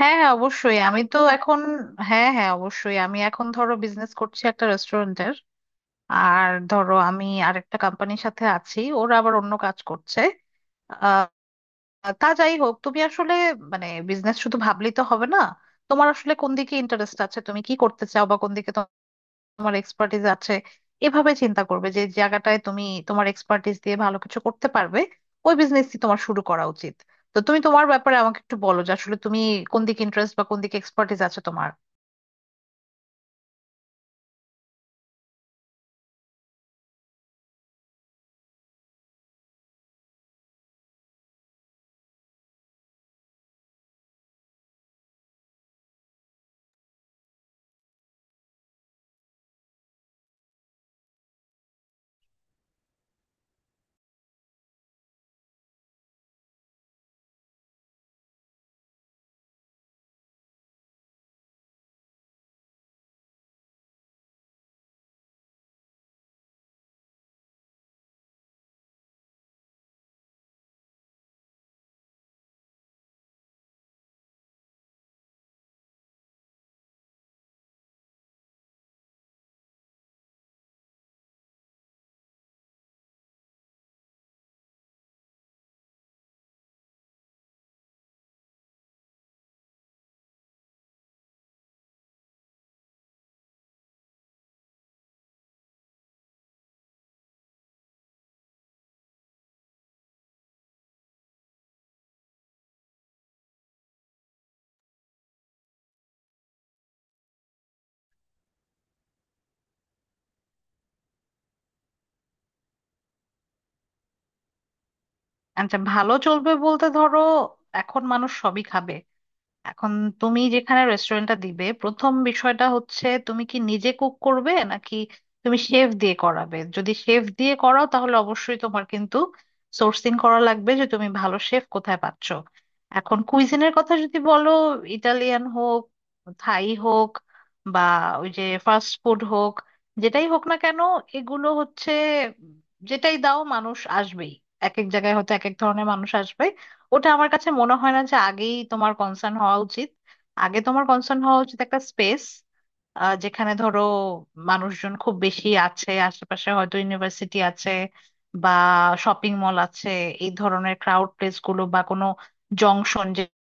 হ্যাঁ হ্যাঁ অবশ্যই আমি এখন ধরো বিজনেস করছি একটা রেস্টুরেন্টের, আর ধরো আমি আরেকটা কোম্পানির সাথে আছি, ওরা আবার অন্য কাজ করছে। আহ, তা যাই হোক, তুমি আসলে মানে বিজনেস শুধু ভাবলেই তো হবে না। তোমার আসলে কোন দিকে ইন্টারেস্ট আছে, তুমি কি করতে চাও, বা কোন দিকে তোমার এক্সপার্টিস আছে, এভাবে চিন্তা করবে। যে জায়গাটায় তুমি তোমার এক্সপার্টিস দিয়ে ভালো কিছু করতে পারবে, ওই বিজনেসই তোমার শুরু করা উচিত। তো তুমি তোমার ব্যাপারে আমাকে একটু বলো যে আসলে তুমি কোন দিকে ইন্টারেস্ট বা কোন দিকে এক্সপার্টিস আছে তোমার। আচ্ছা, ভালো চলবে বলতে ধরো এখন মানুষ সবই খাবে। এখন তুমি যেখানে রেস্টুরেন্টটা দিবে, প্রথম বিষয়টা হচ্ছে তুমি কি নিজে কুক করবে নাকি তুমি শেফ দিয়ে করাবে। যদি শেফ দিয়ে করাও তাহলে অবশ্যই তোমার কিন্তু সোর্সিং করা লাগবে যে তুমি ভালো শেফ কোথায় পাচ্ছ। এখন কুইজিনের কথা যদি বলো, ইটালিয়ান হোক, থাই হোক, বা ওই যে ফাস্ট ফুড হোক, যেটাই হোক না কেন, এগুলো হচ্ছে, যেটাই দাও মানুষ আসবেই। এক এক জায়গায় হয়তো এক এক ধরনের মানুষ আসবে। ওটা আমার কাছে মনে হয় না যে আগেই তোমার কনসার্ন হওয়া উচিত। আগে তোমার কনসার্ন হওয়া উচিত একটা স্পেস, যেখানে ধরো মানুষজন খুব বেশি আছে, আশেপাশে হয়তো ইউনিভার্সিটি আছে বা শপিং মল আছে, এই ধরনের ক্রাউড প্লেস গুলো, বা কোনো জংশন,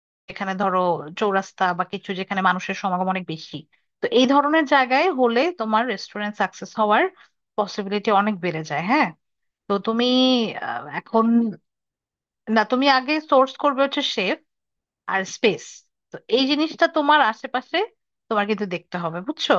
যেখানে ধরো চৌরাস্তা বা কিছু, যেখানে মানুষের সমাগম অনেক বেশি। তো এই ধরনের জায়গায় হলে তোমার রেস্টুরেন্ট সাকসেস হওয়ার পসিবিলিটি অনেক বেড়ে যায়, হ্যাঁ। তো তুমি এখন, না তুমি আগে সোর্স করবে হচ্ছে শেফ আর স্পেস। তো এই জিনিসটা তোমার আশেপাশে তোমার কিন্তু দেখতে হবে, বুঝছো?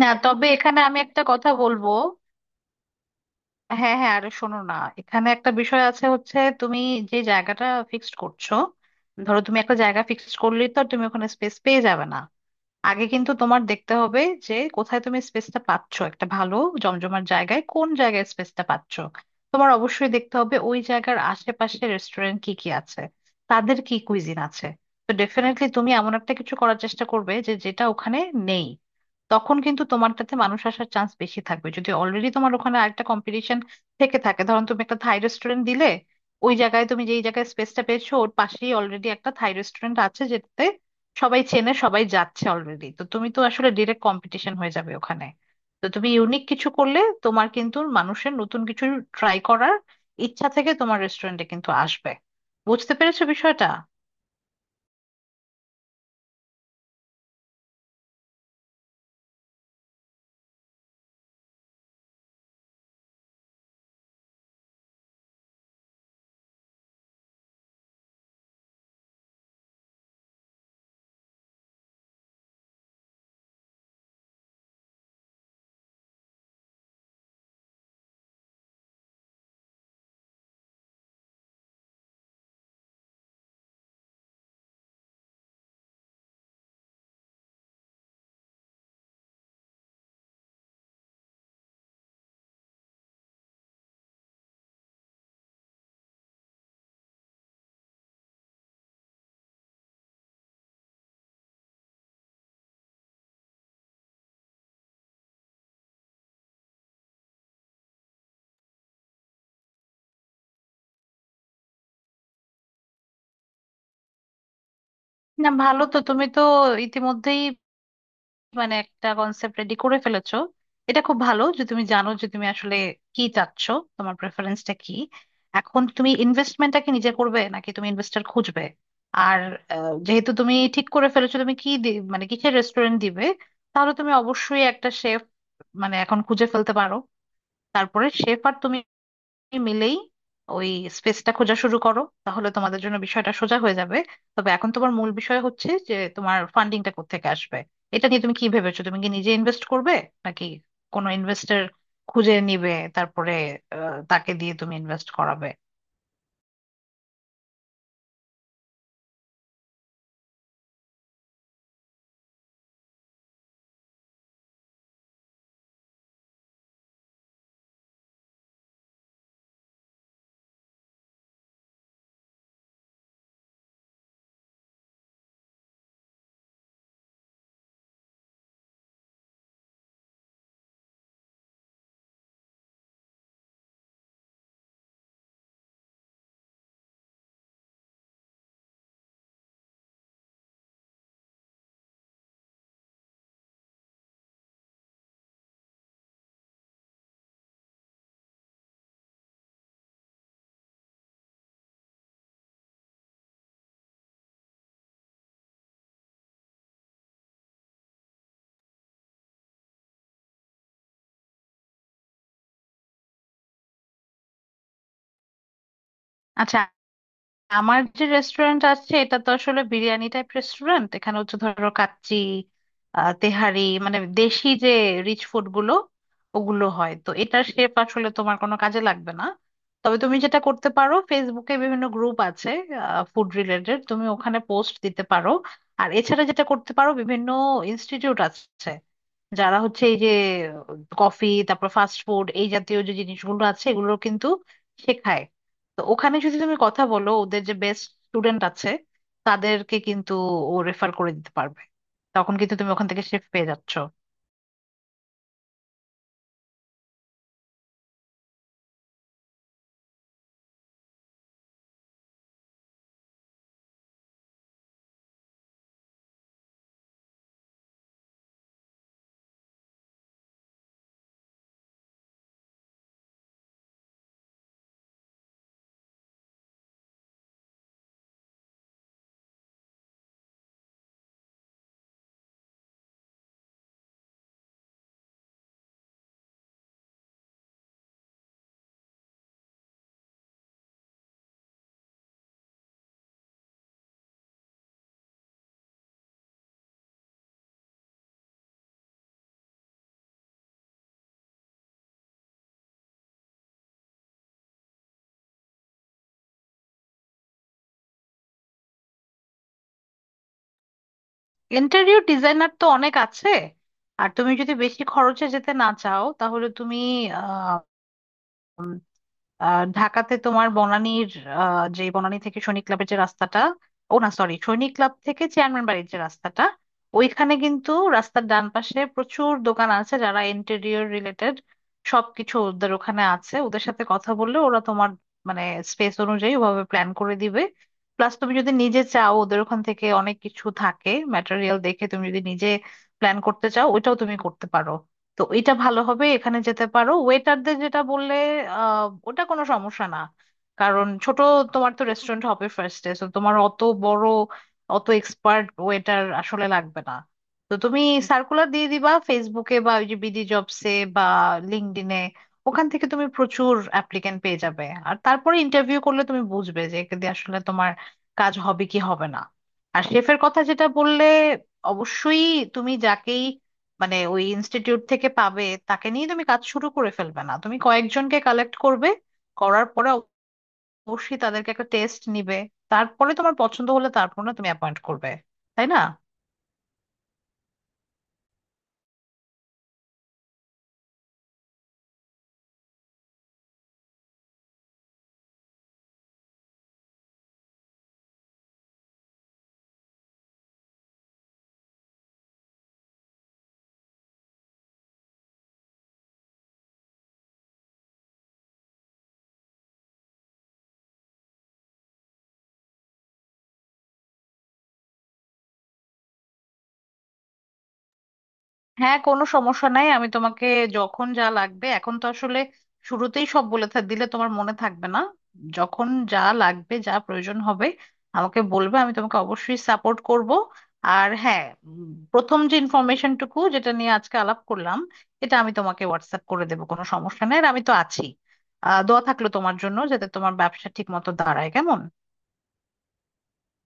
না তবে এখানে আমি একটা কথা বলবো। হ্যাঁ হ্যাঁ, আরে শোনো না, এখানে একটা বিষয় আছে হচ্ছে তুমি যে জায়গাটা ফিক্সড করছো, ধরো তুমি একটা জায়গা ফিক্সড করলেই তো আর তুমি ওখানে স্পেস পেয়ে যাবে না। আগে কিন্তু তোমার দেখতে হবে যে কোথায় তুমি স্পেসটা পাচ্ছ, একটা ভালো জমজমার জায়গায় কোন জায়গায় স্পেসটা পাচ্ছ। তোমার অবশ্যই দেখতে হবে ওই জায়গার আশেপাশে রেস্টুরেন্ট কি কি আছে, তাদের কি কুইজিন আছে। তো ডেফিনেটলি তুমি এমন একটা কিছু করার চেষ্টা করবে যে যেটা ওখানে নেই। তখন কিন্তু তোমারটাতে মানুষ আসার চান্স বেশি থাকবে। যদি অলরেডি তোমার ওখানে আরেকটা কম্পিটিশন থেকে থাকে, ধরুন তুমি একটা থাই রেস্টুরেন্ট দিলে, ওই জায়গায় তুমি যেই জায়গায় স্পেসটা পেয়েছো ওর পাশেই অলরেডি একটা থাই রেস্টুরেন্ট আছে যেটাতে সবাই চেনে, সবাই যাচ্ছে অলরেডি, তো তুমি তো আসলে ডিরেক্ট কম্পিটিশন হয়ে যাবে ওখানে। তো তুমি ইউনিক কিছু করলে তোমার কিন্তু মানুষের নতুন কিছু ট্রাই করার ইচ্ছা থেকে তোমার রেস্টুরেন্টে কিন্তু আসবে। বুঝতে পেরেছো বিষয়টা? না ভালো, তো তুমি তো ইতিমধ্যেই মানে একটা কনসেপ্ট রেডি করে ফেলেছো। এটা খুব ভালো যে তুমি জানো যে তুমি আসলে কি চাচ্ছ, তোমার প্রেফারেন্সটা কি। এখন তুমি ইনভেস্টমেন্টটা কি নিজে করবে নাকি তুমি ইনভেস্টর খুঁজবে। আর যেহেতু তুমি ঠিক করে ফেলেছো তুমি মানে কিসের রেস্টুরেন্ট দিবে, তাহলে তুমি অবশ্যই একটা শেফ মানে এখন খুঁজে ফেলতে পারো। তারপরে শেফ আর তুমি মিলেই ওই স্পেসটা খোঁজা শুরু করো, তাহলে তোমাদের জন্য বিষয়টা সোজা হয়ে যাবে। তবে এখন তোমার মূল বিষয় হচ্ছে যে তোমার ফান্ডিংটা কোত্থেকে আসবে। এটা নিয়ে তুমি কি ভেবেছো? তুমি কি নিজে ইনভেস্ট করবে নাকি কোনো ইনভেস্টর খুঁজে নিবে, তারপরে তাকে দিয়ে তুমি ইনভেস্ট করাবে। আচ্ছা, আমার যে রেস্টুরেন্ট আছে এটা তো আসলে বিরিয়ানি টাইপ রেস্টুরেন্ট, এখানে হচ্ছে ধরো কাচ্চি, তেহারি, মানে দেশি যে রিচ ফুড গুলো, ওগুলো হয়, তো এটার শেপ আসলে তোমার কোনো কাজে লাগবে না। তবে তুমি যেটা করতে পারো, ফেসবুকে বিভিন্ন গ্রুপ আছে ফুড রিলেটেড, তুমি ওখানে পোস্ট দিতে পারো। আর এছাড়া যেটা করতে পারো, বিভিন্ন ইনস্টিটিউট আছে যারা হচ্ছে এই যে কফি, তারপর ফাস্ট ফুড, এই জাতীয় যে জিনিসগুলো আছে এগুলো কিন্তু শেখায়। তো ওখানে যদি তুমি কথা বলো, ওদের যে বেস্ট স্টুডেন্ট আছে তাদেরকে কিন্তু ও রেফার করে দিতে পারবে। তখন কিন্তু তুমি ওখান থেকে শেফ পেয়ে যাচ্ছ। ইন্টেরিয়র ডিজাইনার তো অনেক আছে। আর তুমি যদি বেশি খরচে যেতে না চাও, তাহলে তুমি ঢাকাতে তোমার বনানীর যে বনানী থেকে সৈনিক ক্লাবের যে রাস্তাটা, ও না সরি, সৈনিক ক্লাব থেকে চেয়ারম্যান বাড়ির যে রাস্তাটা, ওইখানে কিন্তু রাস্তার ডান পাশে প্রচুর দোকান আছে যারা ইন্টেরিয়র রিলেটেড সবকিছু ওদের ওখানে আছে। ওদের সাথে কথা বললে ওরা তোমার মানে স্পেস অনুযায়ী ওভাবে প্ল্যান করে দিবে। প্লাস তুমি যদি নিজে চাও, ওদের ওখান থেকে অনেক কিছু থাকে ম্যাটেরিয়াল, দেখে তুমি যদি নিজে প্ল্যান করতে চাও, ওইটাও তুমি করতে পারো। তো এটা ভালো হবে, এখানে যেতে পারো। ওয়েটারদের যেটা বললে, ওটা কোনো সমস্যা না। কারণ ছোট তোমার তো রেস্টুরেন্ট হবে ফার্স্টে, তো তোমার অত বড় অত এক্সপার্ট ওয়েটার আসলে লাগবে না। তো তুমি সার্কুলার দিয়ে দিবা ফেসবুকে বা ওই যে বিডি জবসে বা লিঙ্কডইনে, ওখান থেকে তুমি প্রচুর অ্যাপ্লিক্যান্ট পেয়ে যাবে। আর তারপরে ইন্টারভিউ করলে তুমি বুঝবে যে একে দিয়ে আসলে তোমার কাজ হবে কি হবে না। আর শেফের কথা যেটা বললে, অবশ্যই তুমি যাকেই মানে ওই ইনস্টিটিউট থেকে পাবে তাকে নিয়ে তুমি কাজ শুরু করে ফেলবে না, তুমি কয়েকজনকে কালেক্ট করবে। করার পরে অবশ্যই তাদেরকে একটা টেস্ট নিবে, তারপরে তোমার পছন্দ হলে তারপর না তুমি অ্যাপয়েন্ট করবে, তাই না? হ্যাঁ, কোনো সমস্যা নাই, আমি তোমাকে যখন যা লাগবে, এখন তো আসলে শুরুতেই সব দিলে তোমার মনে থাকবে না। যখন যা লাগবে, যা প্রয়োজন হবে আমাকে বলবে, আমি তোমাকে অবশ্যই সাপোর্ট করব। আর হ্যাঁ, প্রথম যে ইনফরমেশনটুকু যেটা নিয়ে আজকে আলাপ করলাম, এটা আমি তোমাকে হোয়াটসঅ্যাপ করে দেবো, কোনো সমস্যা নেই। আর আমি তো আছি। দোয়া থাকলো তোমার জন্য যাতে তোমার ব্যবসা ঠিক মতো দাঁড়ায়, কেমন।